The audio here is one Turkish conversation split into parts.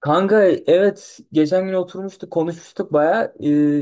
Kanka, evet, geçen gün oturmuştuk konuşmuştuk baya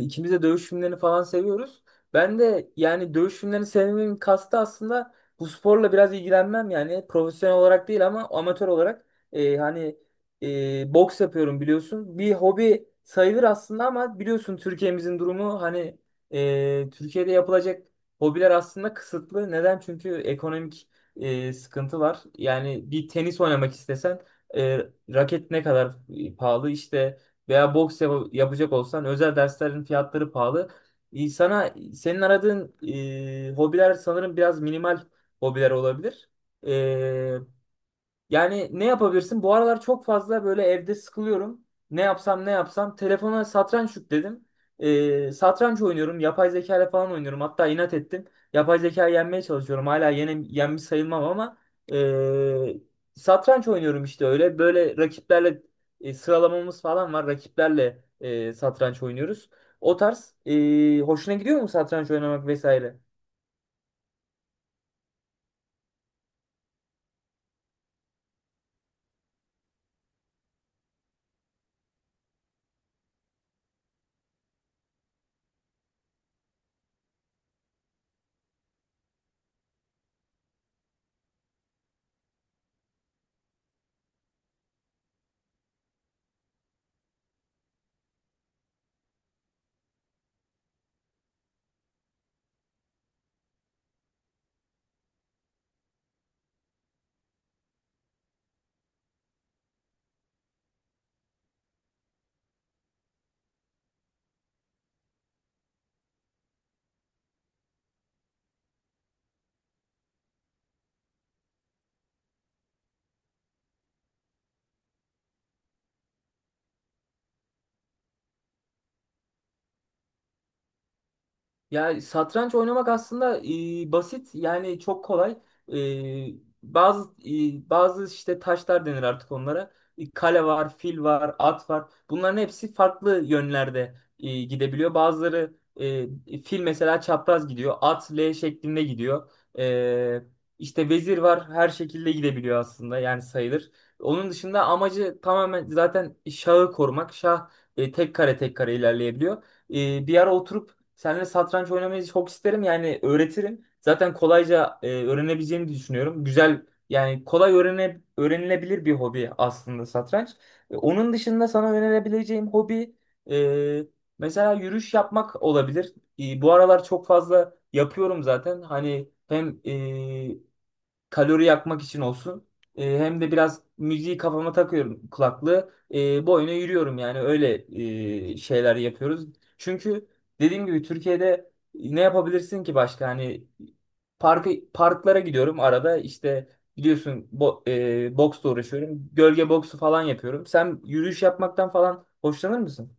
ikimiz de dövüş filmlerini falan seviyoruz. Ben de yani dövüş filmlerini sevmemin kastı aslında bu sporla biraz ilgilenmem, yani profesyonel olarak değil ama amatör olarak hani boks yapıyorum biliyorsun. Bir hobi sayılır aslında ama biliyorsun Türkiye'mizin durumu, hani Türkiye'de yapılacak hobiler aslında kısıtlı. Neden? Çünkü ekonomik sıkıntı var. Yani bir tenis oynamak istesen raket ne kadar pahalı işte, veya yapacak olsan özel derslerin fiyatları pahalı. Sana senin aradığın hobiler sanırım biraz minimal hobiler olabilir. E, Yani ne yapabilirsin? Bu aralar çok fazla böyle evde sıkılıyorum. Ne yapsam ne yapsam. Telefona satranç yükledim. Satranç oynuyorum. Yapay zeka ile falan oynuyorum. Hatta inat ettim. Yapay zeka yenmeye çalışıyorum. Hala yenmiş sayılmam ama ee, satranç oynuyorum işte öyle. Böyle rakiplerle sıralamamız falan var. Rakiplerle satranç oynuyoruz. O tarz, hoşuna gidiyor mu satranç oynamak vesaire? Ya satranç oynamak aslında basit, yani çok kolay. E, bazı işte taşlar denir artık onlara. Kale var, fil var, at var. Bunların hepsi farklı yönlerde gidebiliyor. Bazıları, fil mesela çapraz gidiyor, at L şeklinde gidiyor. E, işte vezir var, her şekilde gidebiliyor aslında yani sayılır. Onun dışında amacı tamamen zaten şahı korumak. Şah tek kare tek kare ilerleyebiliyor. Bir ara oturup seninle satranç oynamayı çok isterim. Yani öğretirim. Zaten kolayca öğrenebileceğimi düşünüyorum. Güzel, yani kolay öğrenilebilir bir hobi aslında satranç. Onun dışında sana önerebileceğim hobi, e, mesela yürüyüş yapmak olabilir. Bu aralar çok fazla yapıyorum zaten. Hani hem kalori yakmak için olsun. Hem de biraz müziği kafama takıyorum kulaklığı. Boyuna yürüyorum, yani öyle şeyler yapıyoruz. Çünkü dediğim gibi Türkiye'de ne yapabilirsin ki başka? Hani parklara gidiyorum arada, işte biliyorsun boksla uğraşıyorum. Gölge boksu falan yapıyorum. Sen yürüyüş yapmaktan falan hoşlanır mısın?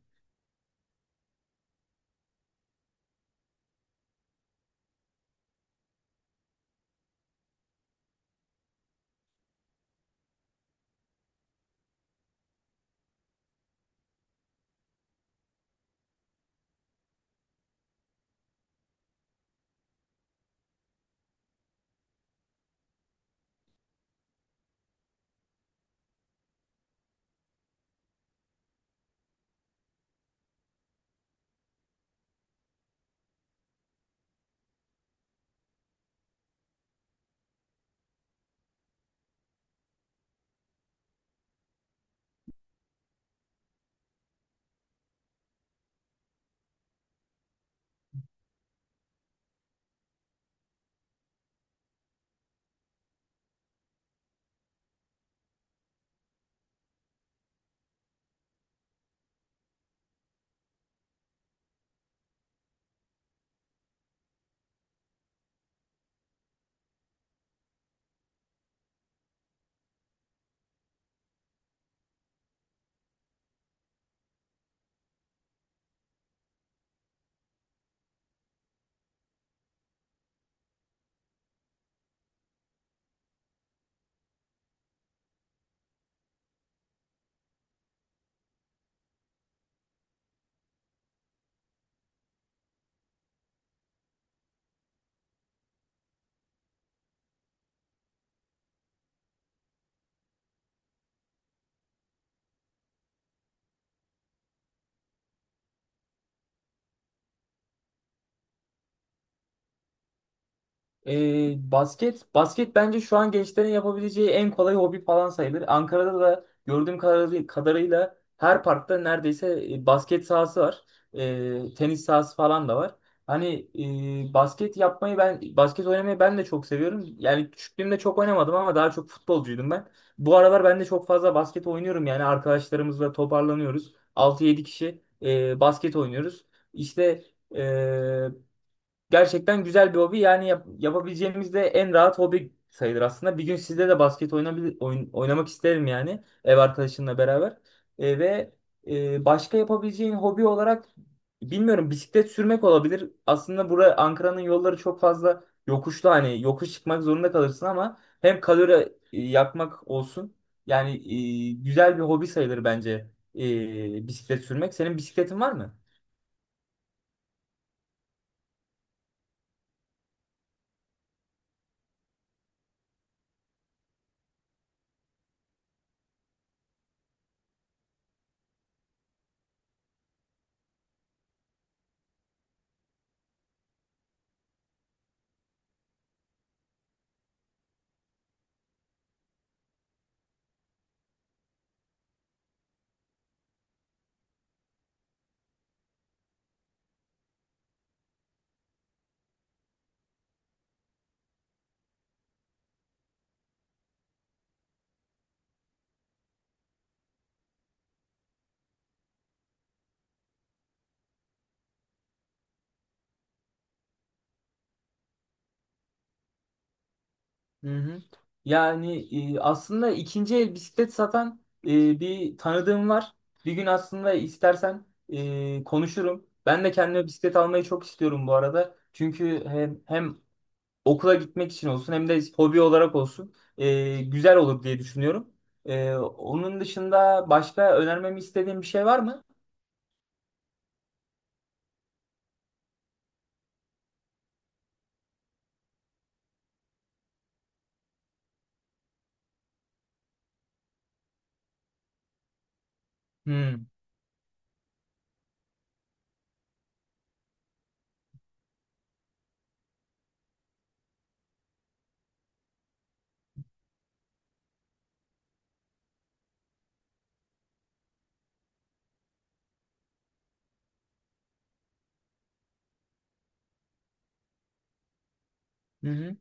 Basket bence şu an gençlerin yapabileceği en kolay hobi falan sayılır. Ankara'da da gördüğüm kadarıyla her parkta neredeyse basket sahası var. Tenis sahası falan da var. Hani basket oynamayı ben de çok seviyorum. Yani küçüklüğümde çok oynamadım ama daha çok futbolcuydum ben. Bu aralar ben de çok fazla basket oynuyorum, yani arkadaşlarımızla toparlanıyoruz. Altı yedi kişi basket oynuyoruz. İşte e, Gerçekten güzel bir hobi. Yani yapabileceğimiz de en rahat hobi sayılır aslında. Bir gün sizde de oynamak isterim, yani ev arkadaşınla beraber. E, ve Başka yapabileceğin hobi olarak bilmiyorum, bisiklet sürmek olabilir. Aslında bura Ankara'nın yolları çok fazla yokuşlu, hani yokuş çıkmak zorunda kalırsın, ama hem kalori yakmak olsun. Yani güzel bir hobi sayılır bence bisiklet sürmek. Senin bisikletin var mı? Hı hı. Yani aslında ikinci el bisiklet satan bir tanıdığım var. Bir gün aslında istersen konuşurum. Ben de kendime bisiklet almayı çok istiyorum bu arada. Çünkü hem okula gitmek için olsun, hem de hobi olarak olsun güzel olur diye düşünüyorum. Onun dışında başka önermemi istediğin bir şey var mı? Hı hı. Hı.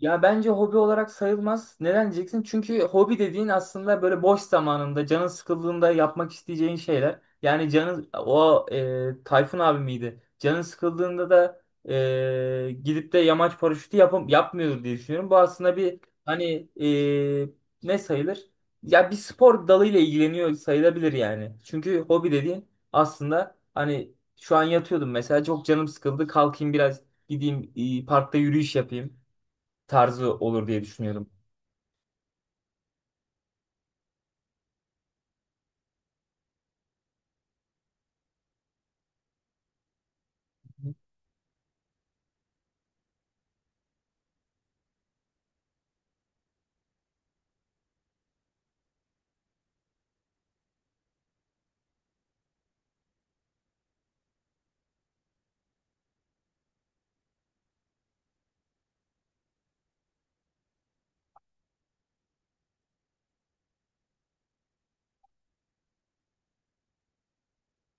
Ya bence hobi olarak sayılmaz. Neden diyeceksin? Çünkü hobi dediğin aslında böyle boş zamanında, canın sıkıldığında yapmak isteyeceğin şeyler. Yani canın o, Tayfun abi miydi? Canın sıkıldığında da gidip de yamaç paraşütü yapam yapmıyordur diye düşünüyorum. Bu aslında bir, hani ne sayılır? Ya bir spor dalıyla ilgileniyor sayılabilir yani. Çünkü hobi dediğin aslında, hani şu an yatıyordum mesela, çok canım sıkıldı. Kalkayım biraz gideyim parkta yürüyüş yapayım tarzı olur diye düşünüyordum. Hı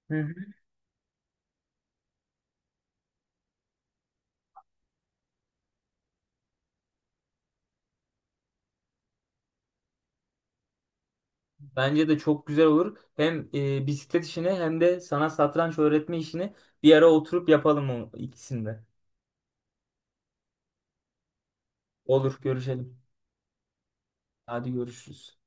hı. Bence de çok güzel olur. Hem bisiklet işini hem de sana satranç öğretme işini bir ara oturup yapalım, o ikisini de. Olur, görüşelim. Hadi görüşürüz.